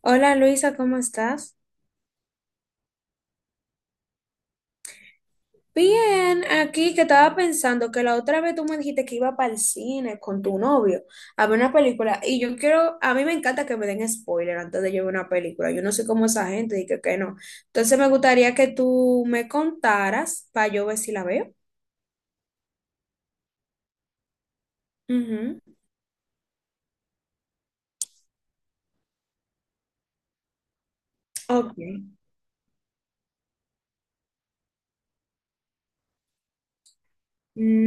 Hola Luisa, ¿cómo estás? Bien, aquí que estaba pensando que la otra vez tú me dijiste que iba para el cine con tu novio a ver una película y yo quiero, a mí me encanta que me den spoiler antes de yo ver una película, yo no sé cómo esa gente y que no. Entonces me gustaría que tú me contaras para yo ver si la veo. Ujú. Ok.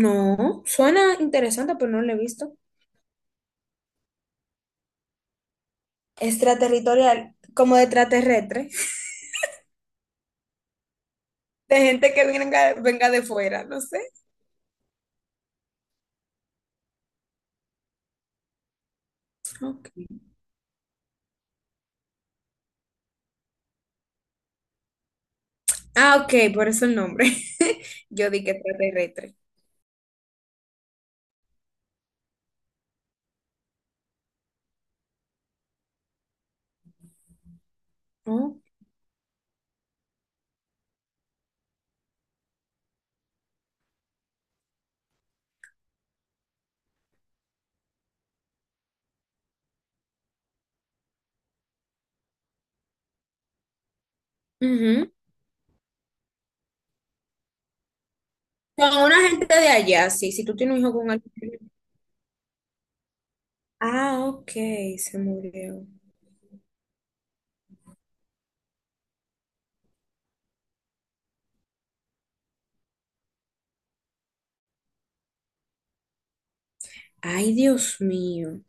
No, suena interesante, pero no la he visto. Extraterritorial, como de extraterrestre, de gente que venga, venga de fuera, no sé. Ok. Ah, ok, por eso el nombre. Yo di que extraterrestre. Oh, ujú. Con una gente de allá, sí. Si tú tienes un hijo con alguien. Ah, ok, se murió. Ay, Dios mío.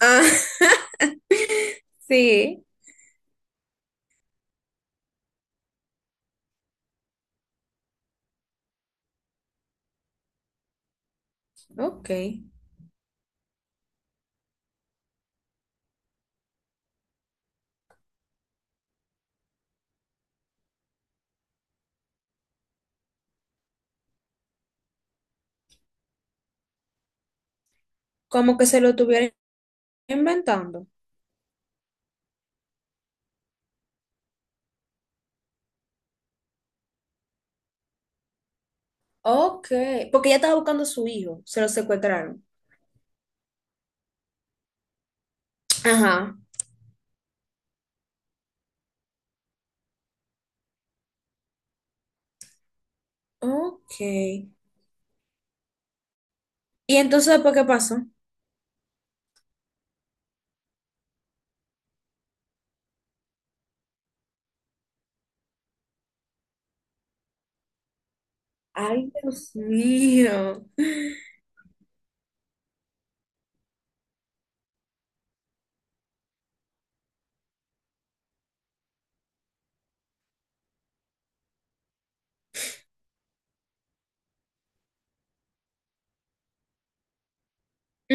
Ah, sí, ok. Como que se lo estuvieron inventando. Ok, porque ella estaba buscando a su hijo, se lo secuestraron. Ajá. Ok. ¿Y entonces después qué pasó? Ay, Dios mío.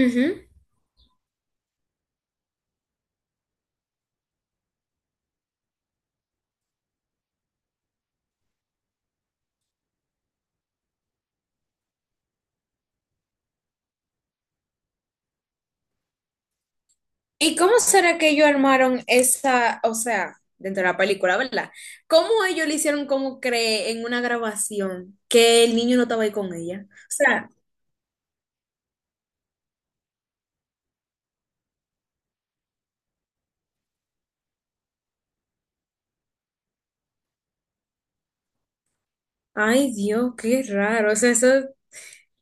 Ujú. ¿Y cómo será que ellos armaron esa, o sea, dentro de la película, ¿verdad? ¿Cómo ellos le hicieron como cree en una grabación que el niño no estaba ahí con ella? O sea, ay Dios, qué raro. O sea, eso,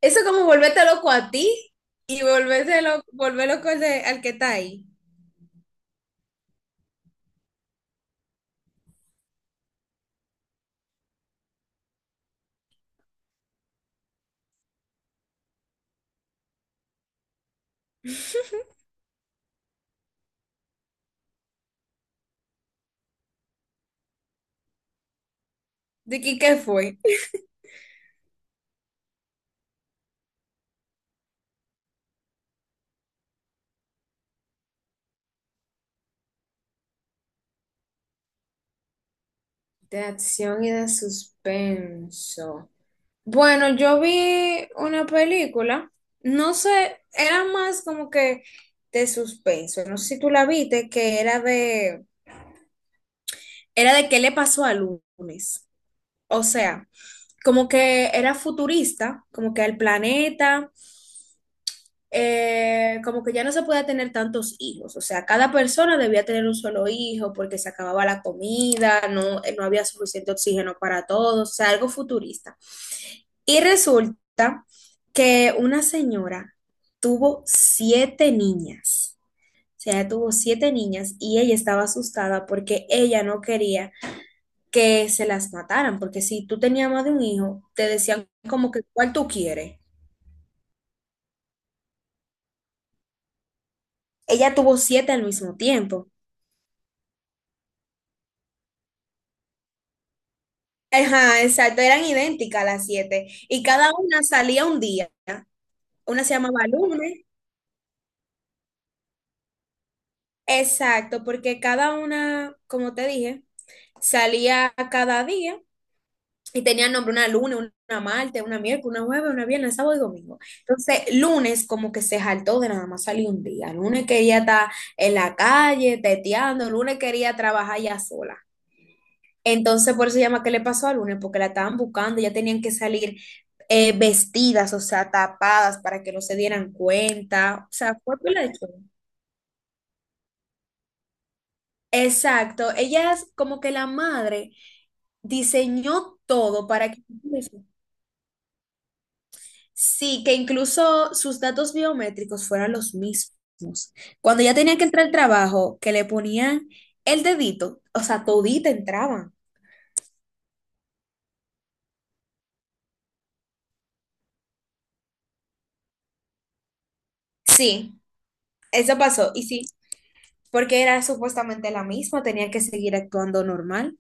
eso es como volverte loco a ti y volverte loco, volver loco al, al que está ahí. ¿De qué, qué fue? De acción y de suspenso. Bueno, yo vi una película, no sé, era más como que de suspenso, no sé si tú la viste, que era de qué le pasó a Lunes. O sea, como que era futurista, como que el planeta como que ya no se podía tener tantos hijos, o sea, cada persona debía tener un solo hijo porque se acababa la comida, no, no había suficiente oxígeno para todos, o sea, algo futurista. Y resulta que una señora tuvo siete niñas, o sea, ella tuvo siete niñas y ella estaba asustada porque ella no quería que se las mataran, porque si tú tenías más de un hijo, te decían como que, ¿cuál tú quieres? Ella tuvo siete al mismo tiempo. Ajá, exacto, eran idénticas las siete y cada una salía un día. Una se llamaba lunes, exacto, porque cada una, como te dije, salía cada día y tenía nombre una lunes, una martes, una miércoles, una jueves, una viernes, sábado y domingo. Entonces, lunes como que se jaltó de nada más salir un día. Lunes quería estar en la calle, teteando, lunes quería trabajar ya sola. Entonces, por eso se llama ¿Qué le pasó al lunes? Porque la estaban buscando, ya tenían que salir vestidas, o sea, tapadas para que no se dieran cuenta. O sea, fue pila de show. Exacto, ella es como que la madre diseñó todo para que sí, que incluso sus datos biométricos fueran los mismos. Cuando ella tenía que entrar al trabajo, que le ponían el dedito, o sea, todita entraban. Sí, eso pasó. Y sí, porque era supuestamente la misma, tenía que seguir actuando normal.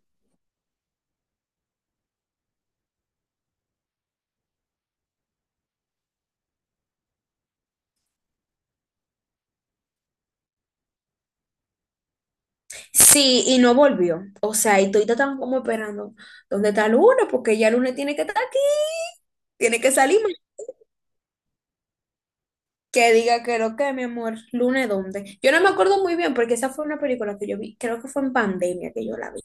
Sí, y no volvió. O sea, y todita estaban como esperando, ¿dónde está Luna? Porque ya Luna tiene que estar aquí, tiene que salir. Que diga que lo que, mi amor, Luna, ¿dónde? Yo no me acuerdo muy bien porque esa fue una película que yo vi, creo que fue en pandemia que yo la vi.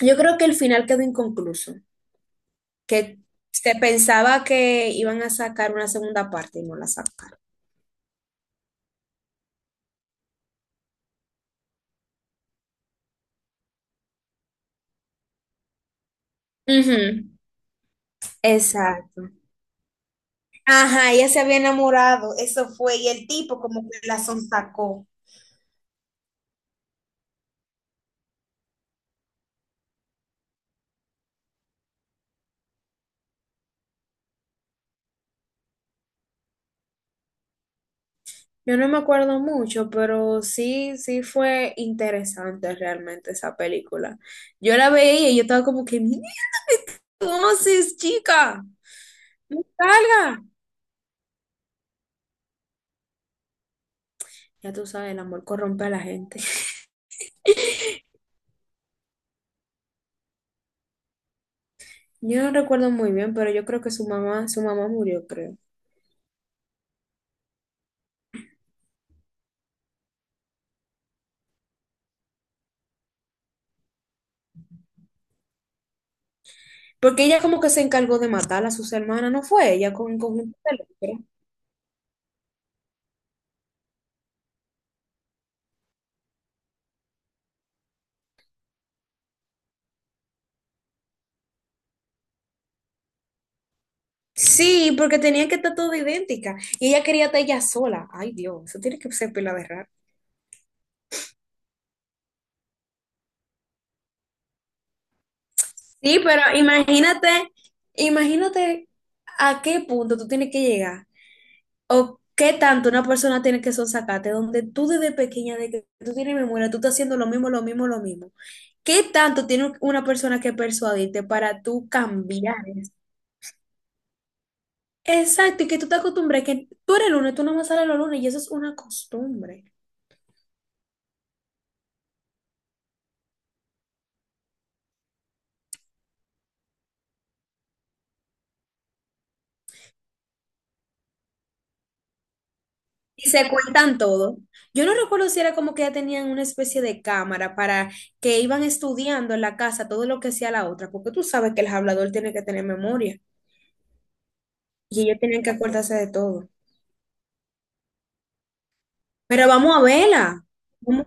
Yo creo que el final quedó inconcluso, que se pensaba que iban a sacar una segunda parte y no la sacaron. Ujú. Exacto. Ajá, ella se había enamorado, eso fue, y el tipo como que la sonsacó. Yo no me acuerdo mucho, pero sí, sí fue interesante realmente esa película. Yo la veía y yo estaba como que, mira, ¿cómo haces, chica? ¡No salga! Ya tú sabes, el amor corrompe a la gente. Yo no recuerdo muy bien, pero yo creo que su mamá murió, creo. Porque ella como que se encargó de matar a sus hermanas, ¿no fue? Ella con un Sí, porque tenía que estar todo idéntica. Y ella quería estar ella sola. Ay, Dios, eso tiene que ser pila de raro. Sí, pero imagínate, imagínate a qué punto tú tienes que llegar. O qué tanto una persona tiene que sonsacarte, donde tú desde pequeña, de que tú tienes memoria, tú estás haciendo lo mismo, lo mismo, lo mismo. ¿Qué tanto tiene una persona que persuadirte para tú cambiar eso? Exacto, y que tú te acostumbres, que tú eres lunes, tú no más sales los lunes, y eso es una costumbre. Y se cuentan todo. Yo no recuerdo si era como que ya tenían una especie de cámara para que iban estudiando en la casa todo lo que hacía la otra, porque tú sabes que el hablador tiene que tener memoria y ellos tienen que acordarse de todo. Pero vamos a verla. Vamos-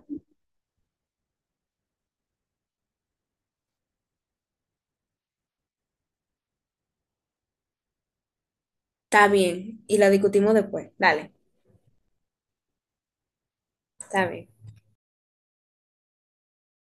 Está bien, y la discutimos después. Dale, está bien.